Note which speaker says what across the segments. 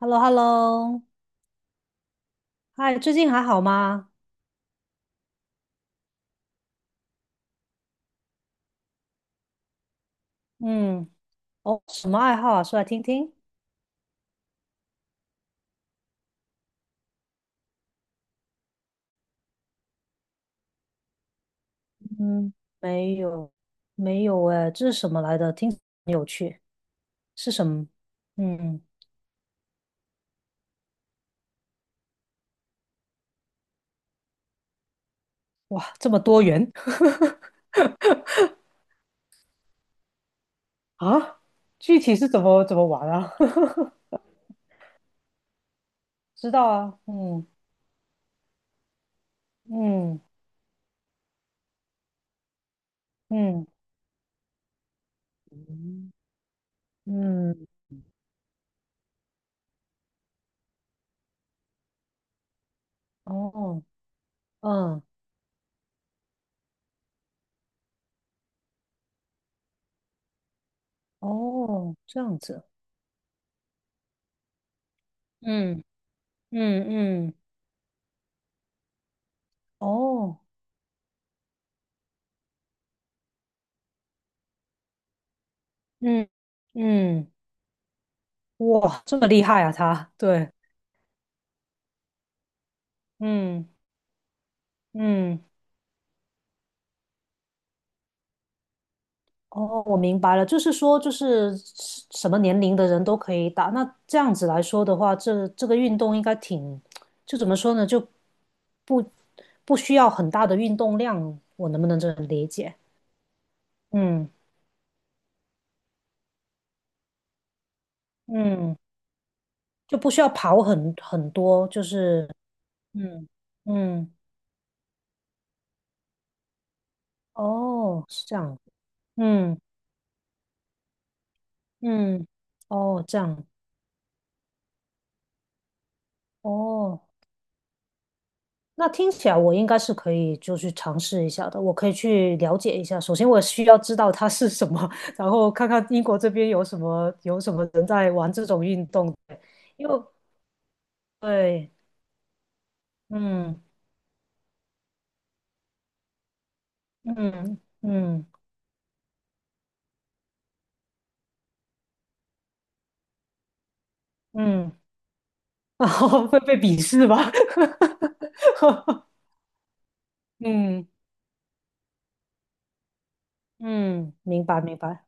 Speaker 1: h e l l o h e l l o 嗨，最近还好吗？嗯，哦，什么爱好啊？说来听听。嗯，没有，没有哎，这是什么来的？听起来很有趣，是什么？嗯，哇，这么多元 啊！具体是怎么玩啊？知道啊，嗯嗯嗯嗯嗯，哦，嗯哦，这样子，嗯嗯嗯，哦，嗯嗯。哇，这么厉害啊，他，对，嗯嗯，哦，我明白了，就是说，就是什么年龄的人都可以打。那这样子来说的话，这个运动应该挺，就怎么说呢，就不需要很大的运动量，我能不能这么理解？嗯嗯，就不需要跑很多，就是嗯嗯，哦，是这样，嗯嗯，哦，这样，哦。那听起来我应该是可以，就去尝试一下的。我可以去了解一下。首先，我需要知道它是什么，然后看看英国这边有什么人在玩这种运动。对因为对，嗯嗯嗯嗯，然后 会被鄙视吧？嗯嗯，明白明白。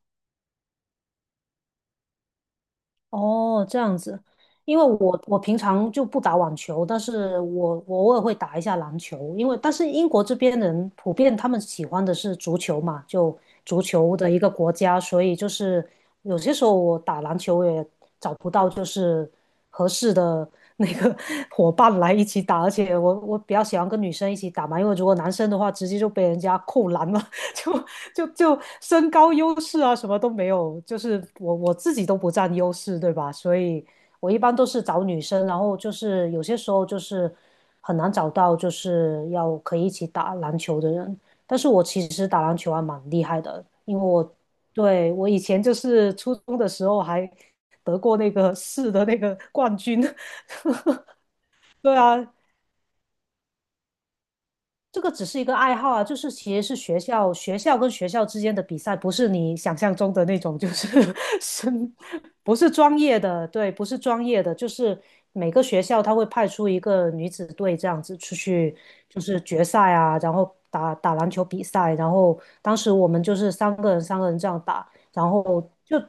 Speaker 1: 哦，这样子，因为我平常就不打网球，但是我偶尔会打一下篮球，因为但是英国这边人普遍他们喜欢的是足球嘛，就足球的一个国家，所以就是有些时候我打篮球也找不到就是合适的那个 伙伴来一起打，而且我比较喜欢跟女生一起打嘛，因为如果男生的话直接就被人家扣篮了，就就身高优势啊，什么都没有，就是我自己都不占优势，对吧？所以我一般都是找女生，然后就是有些时候就是很难找到就是要可以一起打篮球的人。但是我其实打篮球还蛮厉害的，因为我对我以前就是初中的时候还得过那个 市的那个冠军。对啊，这个只是一个爱好啊，就是其实是学校跟学校之间的比赛，不是你想象中的那种，就是 生，不是专业的，对，不是专业的，就是每个学校他会派出一个女子队这样子出去，就是决赛啊，然后打打篮球比赛，然后当时我们就是三个人三个人这样打，然后就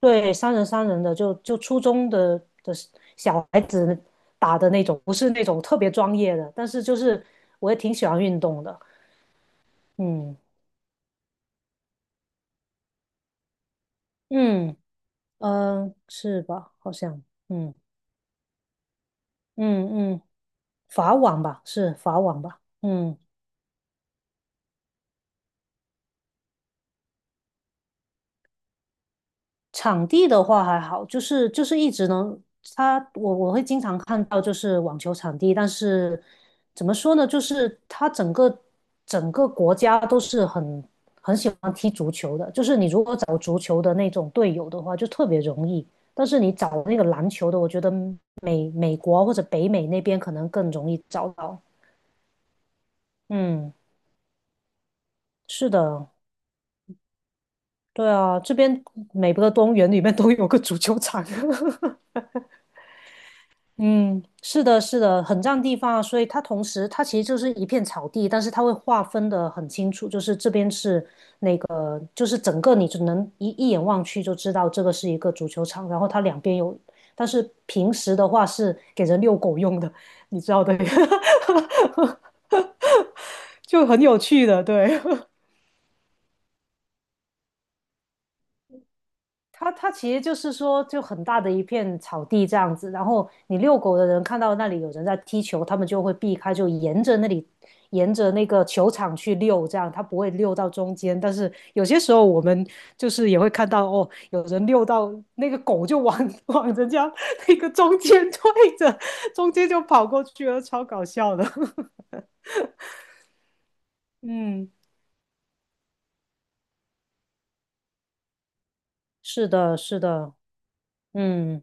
Speaker 1: 对，三人三人的，就初中的小孩子打的那种，不是那种特别专业的，但是就是我也挺喜欢运动的，嗯嗯嗯、是吧？好像，嗯嗯嗯，法网吧，是法网吧，嗯场地的话还好，就是一直能，它我会经常看到就是网球场地，但是怎么说呢，就是它整个国家都是很喜欢踢足球的，就是你如果找足球的那种队友的话，就特别容易，但是你找那个篮球的，我觉得美国或者北美那边可能更容易找到。嗯，是的，对啊，这边每个公园里面都有个足球场。嗯，是的，是的，很占地方啊，所以它同时它其实就是一片草地，但是它会划分的很清楚，就是这边是，就是整个你只能一眼望去就知道这个是一个足球场，然后它两边有，但是平时的话是给人遛狗用的，你知道的，就很有趣的，对，它其实就是说，就很大的一片草地这样子，然后你遛狗的人看到那里有人在踢球，他们就会避开，就沿着那里，沿着那个球场去遛，这样它不会遛到中间。但是有些时候我们就是也会看到，哦，有人遛到那个狗就往 往人家那个中间推着，中间就跑过去了，超搞笑的。嗯，是的，是的，嗯。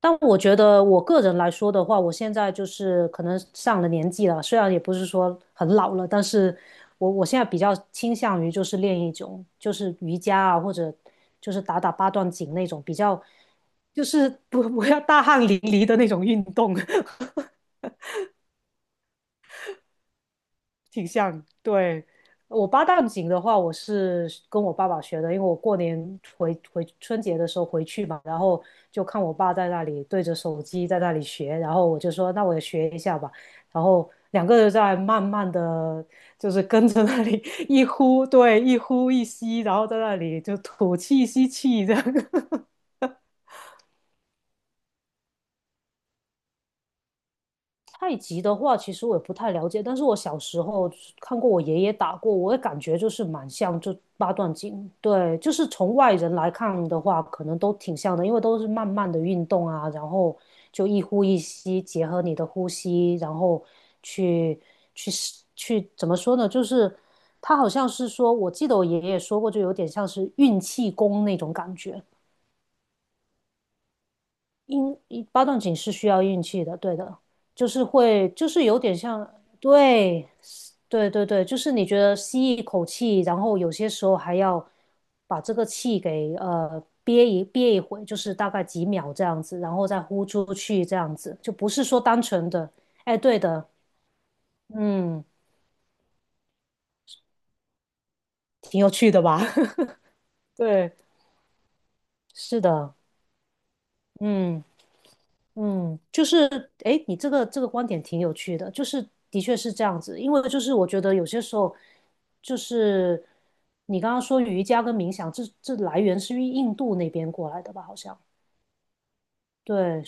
Speaker 1: 但我觉得我个人来说的话，我现在就是可能上了年纪了，虽然也不是说很老了，但是我现在比较倾向于就是练一种就是瑜伽啊，或者就是打打八段锦那种比较，就是不 不要大汗淋漓的那种运动。挺像。对，我八段锦的话，我是跟我爸爸学的，因为我过年回春节的时候回去嘛，然后就看我爸在那里对着手机在那里学，然后我就说那我也学一下吧，然后两个人在慢慢的就是跟着那里 一呼，对，一呼一吸，然后在那里就吐气吸气这样。太极的话，其实我也不太了解，但是我小时候看过我爷爷打过，我也感觉就是蛮像就八段锦，对，就是从外人来看的话，可能都挺像的，因为都是慢慢的运动啊，然后就一呼一吸，结合你的呼吸，然后去去去怎么说呢？就是他好像是说，我记得我爷爷说过，就有点像是运气功那种感觉。因八段锦是需要运气的，对的，就是会，就是有点像，对，对对对，就是你觉得吸一口气，然后有些时候还要把这个气给憋一会，就是大概几秒这样子，然后再呼出去这样子，就不是说单纯的，哎，对的，嗯，挺有趣的吧？对，是的，嗯。嗯，就是诶，你这个观点挺有趣的，就是的确是这样子，因为就是我觉得有些时候，就是你刚刚说瑜伽跟冥想，这来源是于印度那边过来的吧？好像对，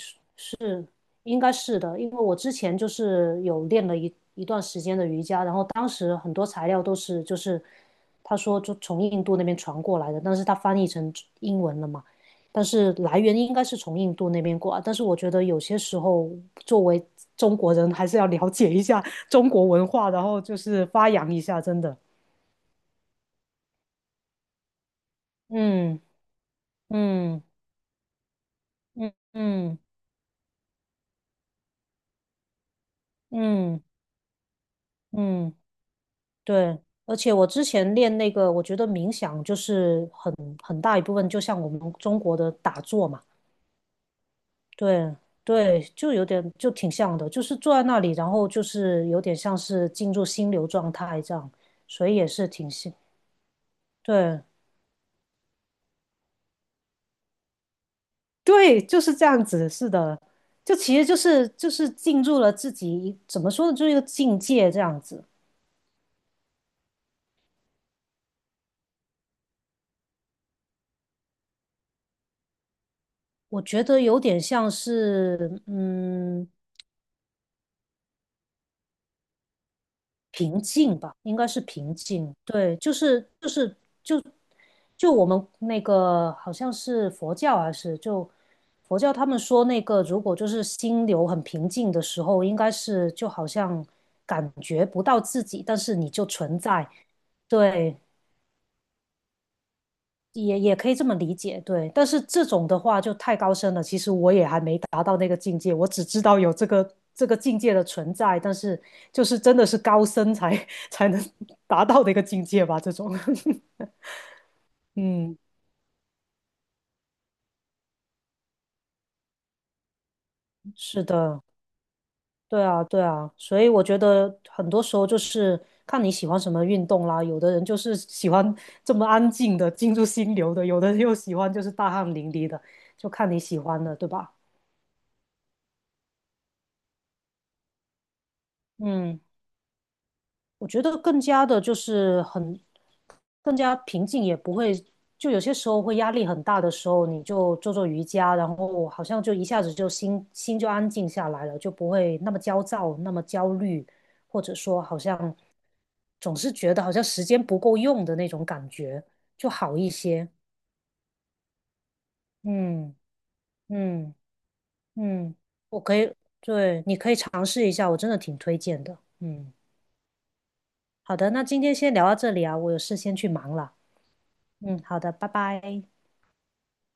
Speaker 1: 应该是的，因为我之前就是有练了一段时间的瑜伽，然后当时很多材料都是就是他说就从印度那边传过来的，但是他翻译成英文了嘛，但是来源应该是从印度那边过来，但是我觉得有些时候作为中国人还是要了解一下中国文化，然后就是发扬一下，真的，嗯嗯嗯嗯嗯嗯。嗯嗯嗯对，而且我之前练那个，我觉得冥想就是很大一部分，就像我们中国的打坐嘛，对对，就有点就挺像的，就是坐在那里，然后就是有点像是进入心流状态这样，所以也是挺像，对对，就是这样子，是的，就其实就是进入了自己一怎么说呢，就是一个境界这样子，我觉得有点像是。平静吧，应该是平静。对，就是就就我们那个好像是佛教还是就佛教，他们说那个如果就是心流很平静的时候，应该是就好像感觉不到自己，但是你就存在。对，也可以这么理解，对。但是这种的话就太高深了，其实我也还没达到那个境界，我只知道有这个境界的存在，但是就是真的是高深才 才能达到的一个境界吧，这种。嗯，是的，对啊，对啊，所以我觉得很多时候就是看你喜欢什么运动啦。有的人就是喜欢这么安静的进入心流的，有的人又喜欢就是大汗淋漓的，就看你喜欢的，对吧？嗯。我觉得更加的就是很更加平静，也不会就有些时候会压力很大的时候，你就做做瑜伽，然后好像就一下子就心就安静下来了，就不会那么焦躁、那么焦虑，或者说好像总是觉得好像时间不够用的那种感觉，就好一些。嗯嗯嗯，我可以，对，你可以尝试一下，我真的挺推荐的。嗯，好的，那今天先聊到这里啊，我有事先去忙了。嗯，好的，拜拜。